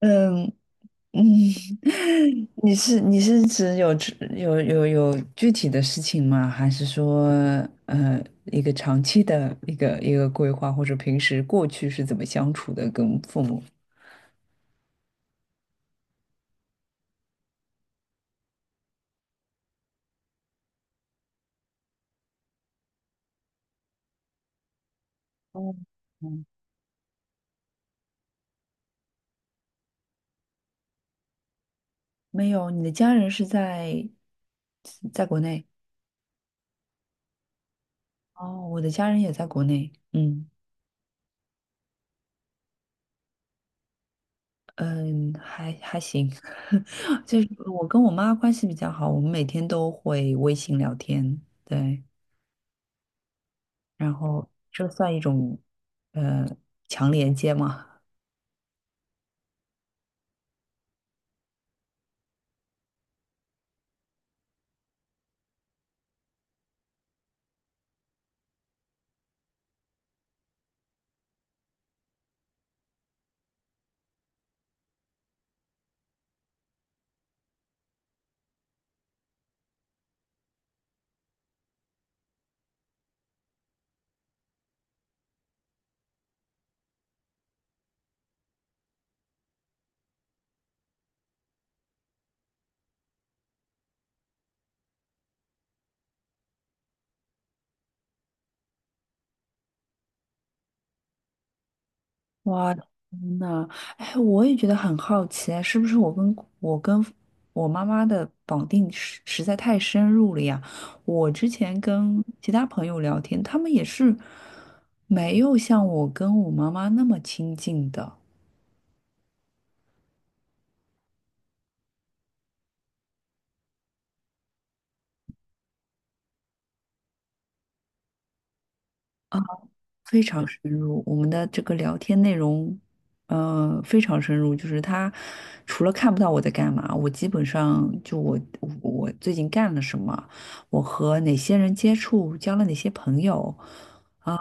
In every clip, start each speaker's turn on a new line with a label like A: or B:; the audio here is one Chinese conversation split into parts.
A: 嗯嗯，你是指有具体的事情吗？还是说一个长期的一个规划，或者平时过去是怎么相处的跟父母？哦，嗯，没有，你的家人是在在国内。哦，我的家人也在国内。嗯嗯，还行，就是我跟我妈关系比较好，我们每天都会微信聊天。对，然后这算一种呃强连接吗？哇，天呐，哎，我也觉得很好奇啊，是不是我跟我妈妈的绑定实在太深入了呀？我之前跟其他朋友聊天，他们也是没有像我跟我妈妈那么亲近的。非常深入，我们的这个聊天内容，非常深入。就是他除了看不到我在干嘛，我基本上就我最近干了什么，我和哪些人接触，交了哪些朋友啊，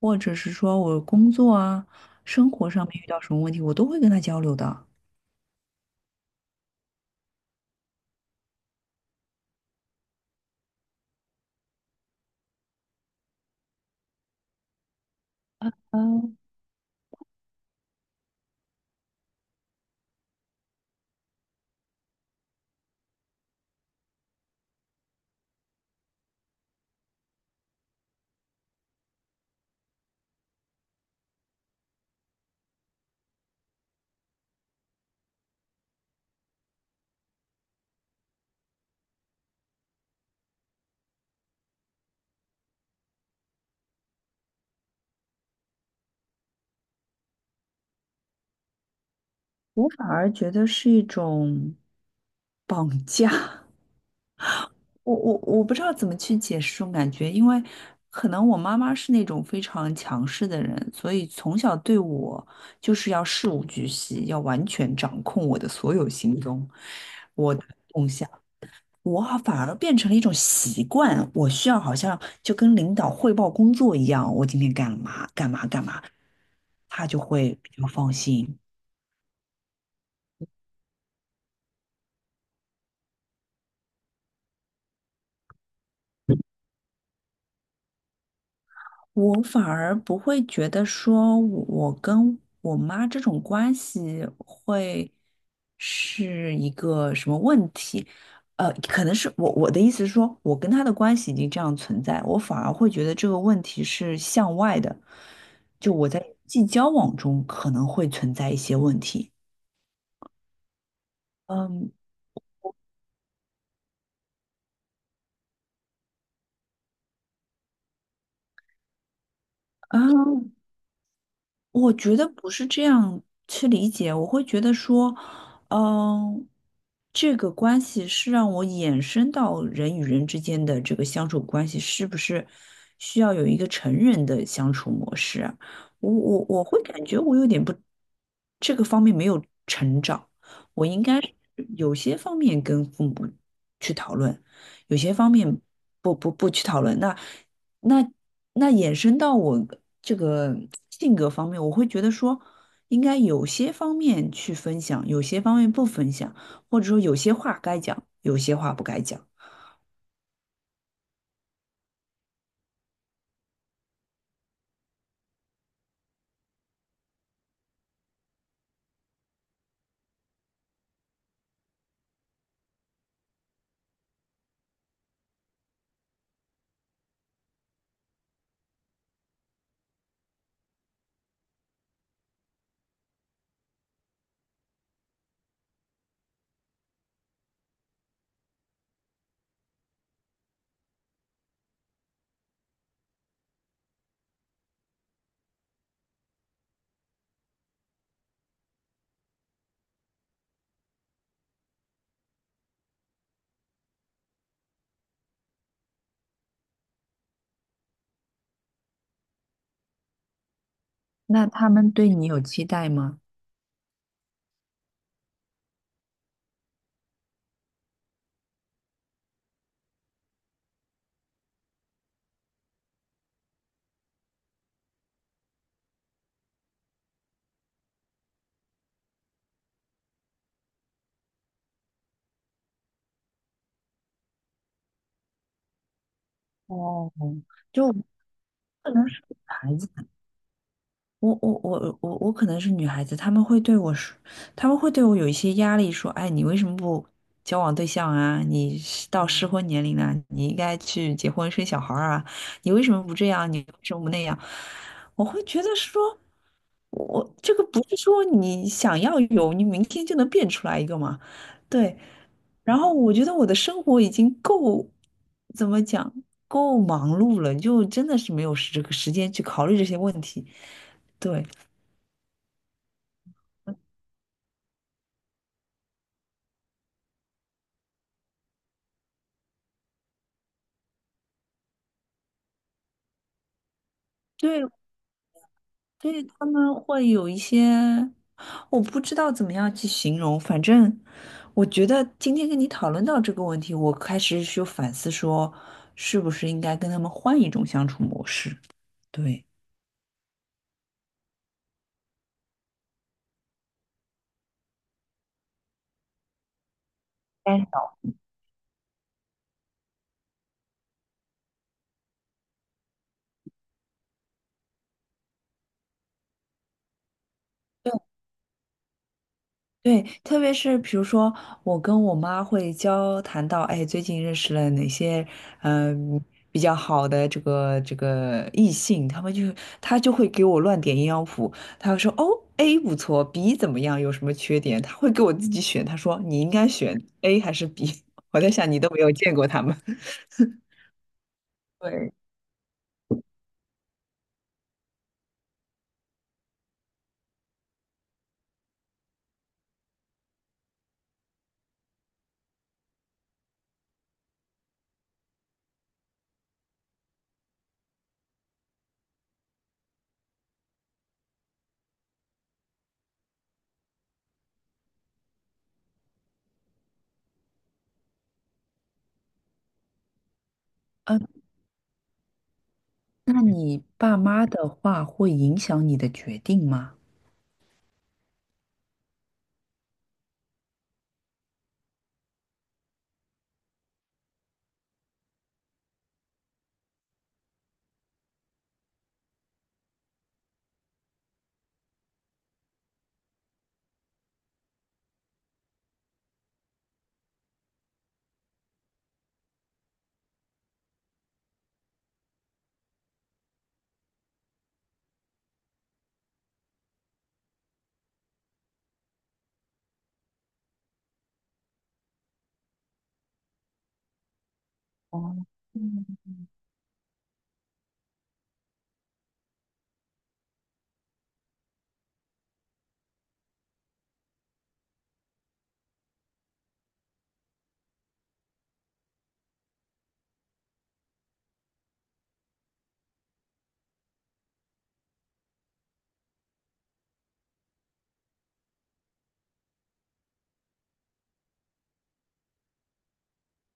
A: 或者是说我工作啊、生活上面遇到什么问题，我都会跟他交流的。我反而觉得是一种绑架，我不知道怎么去解释这种感觉，因为可能我妈妈是那种非常强势的人，所以从小对我就是要事无巨细，要完全掌控我的所有行踪，我的动向。我好反而变成了一种习惯，我需要好像就跟领导汇报工作一样，我今天干嘛干嘛干嘛，他就会比较放心。我反而不会觉得说我跟我妈这种关系会是一个什么问题，可能是我的意思是说，我跟她的关系已经这样存在，我反而会觉得这个问题是向外的，就我在人际交往中可能会存在一些问题。嗯啊，我觉得不是这样去理解，我会觉得说，嗯，这个关系是让我衍生到人与人之间的这个相处关系，是不是需要有一个成人的相处模式啊？我会感觉我有点不，这个方面没有成长，我应该是有些方面跟父母去讨论，有些方面不去讨论。那那衍生到我这个性格方面，我会觉得说，应该有些方面去分享，有些方面不分享，或者说有些话该讲，有些话不该讲。那他们对你有期待吗？哦，就孩子。我可能是女孩子，他们会对我说，他们会对我有一些压力，说，哎，你为什么不交往对象啊？你是到适婚年龄了，你应该去结婚生小孩儿啊，你为什么不这样？你为什么不那样？我会觉得说，我这个不是说你想要有，你明天就能变出来一个嘛？对，然后我觉得我的生活已经够，怎么讲，够忙碌了，就真的是没有时这个时间去考虑这些问题，对对。所以他们会有一些，我不知道怎么样去形容，反正我觉得今天跟你讨论到这个问题，我开始就反思说，是不是应该跟他们换一种相处模式？对，干扰。对，特别是比如说，我跟我妈会交谈到，哎，最近认识了哪些嗯、比较好的这个这个异性，他就会给我乱点鸳鸯谱，他会说哦，A 不错，B 怎么样，有什么缺点，他会给我自己选，他说你应该选 A 还是 B,我在想你都没有见过他们。对，嗯，那你爸妈的话会影响你的决定吗？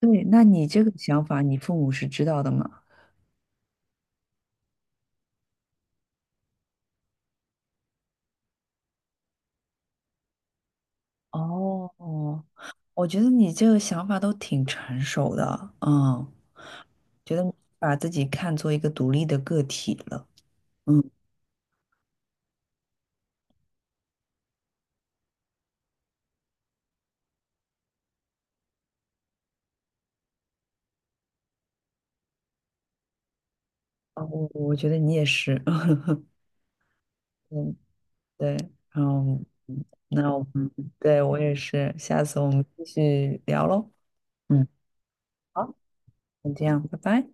A: 对，那你这个想法，你父母是知道的吗？哦，我觉得你这个想法都挺成熟的，嗯，觉得你把自己看作一个独立的个体了，嗯，哦，我我觉得你也是，嗯，对，嗯，那我们对我也是，下次我们继续聊喽，嗯，好，就这样，拜拜。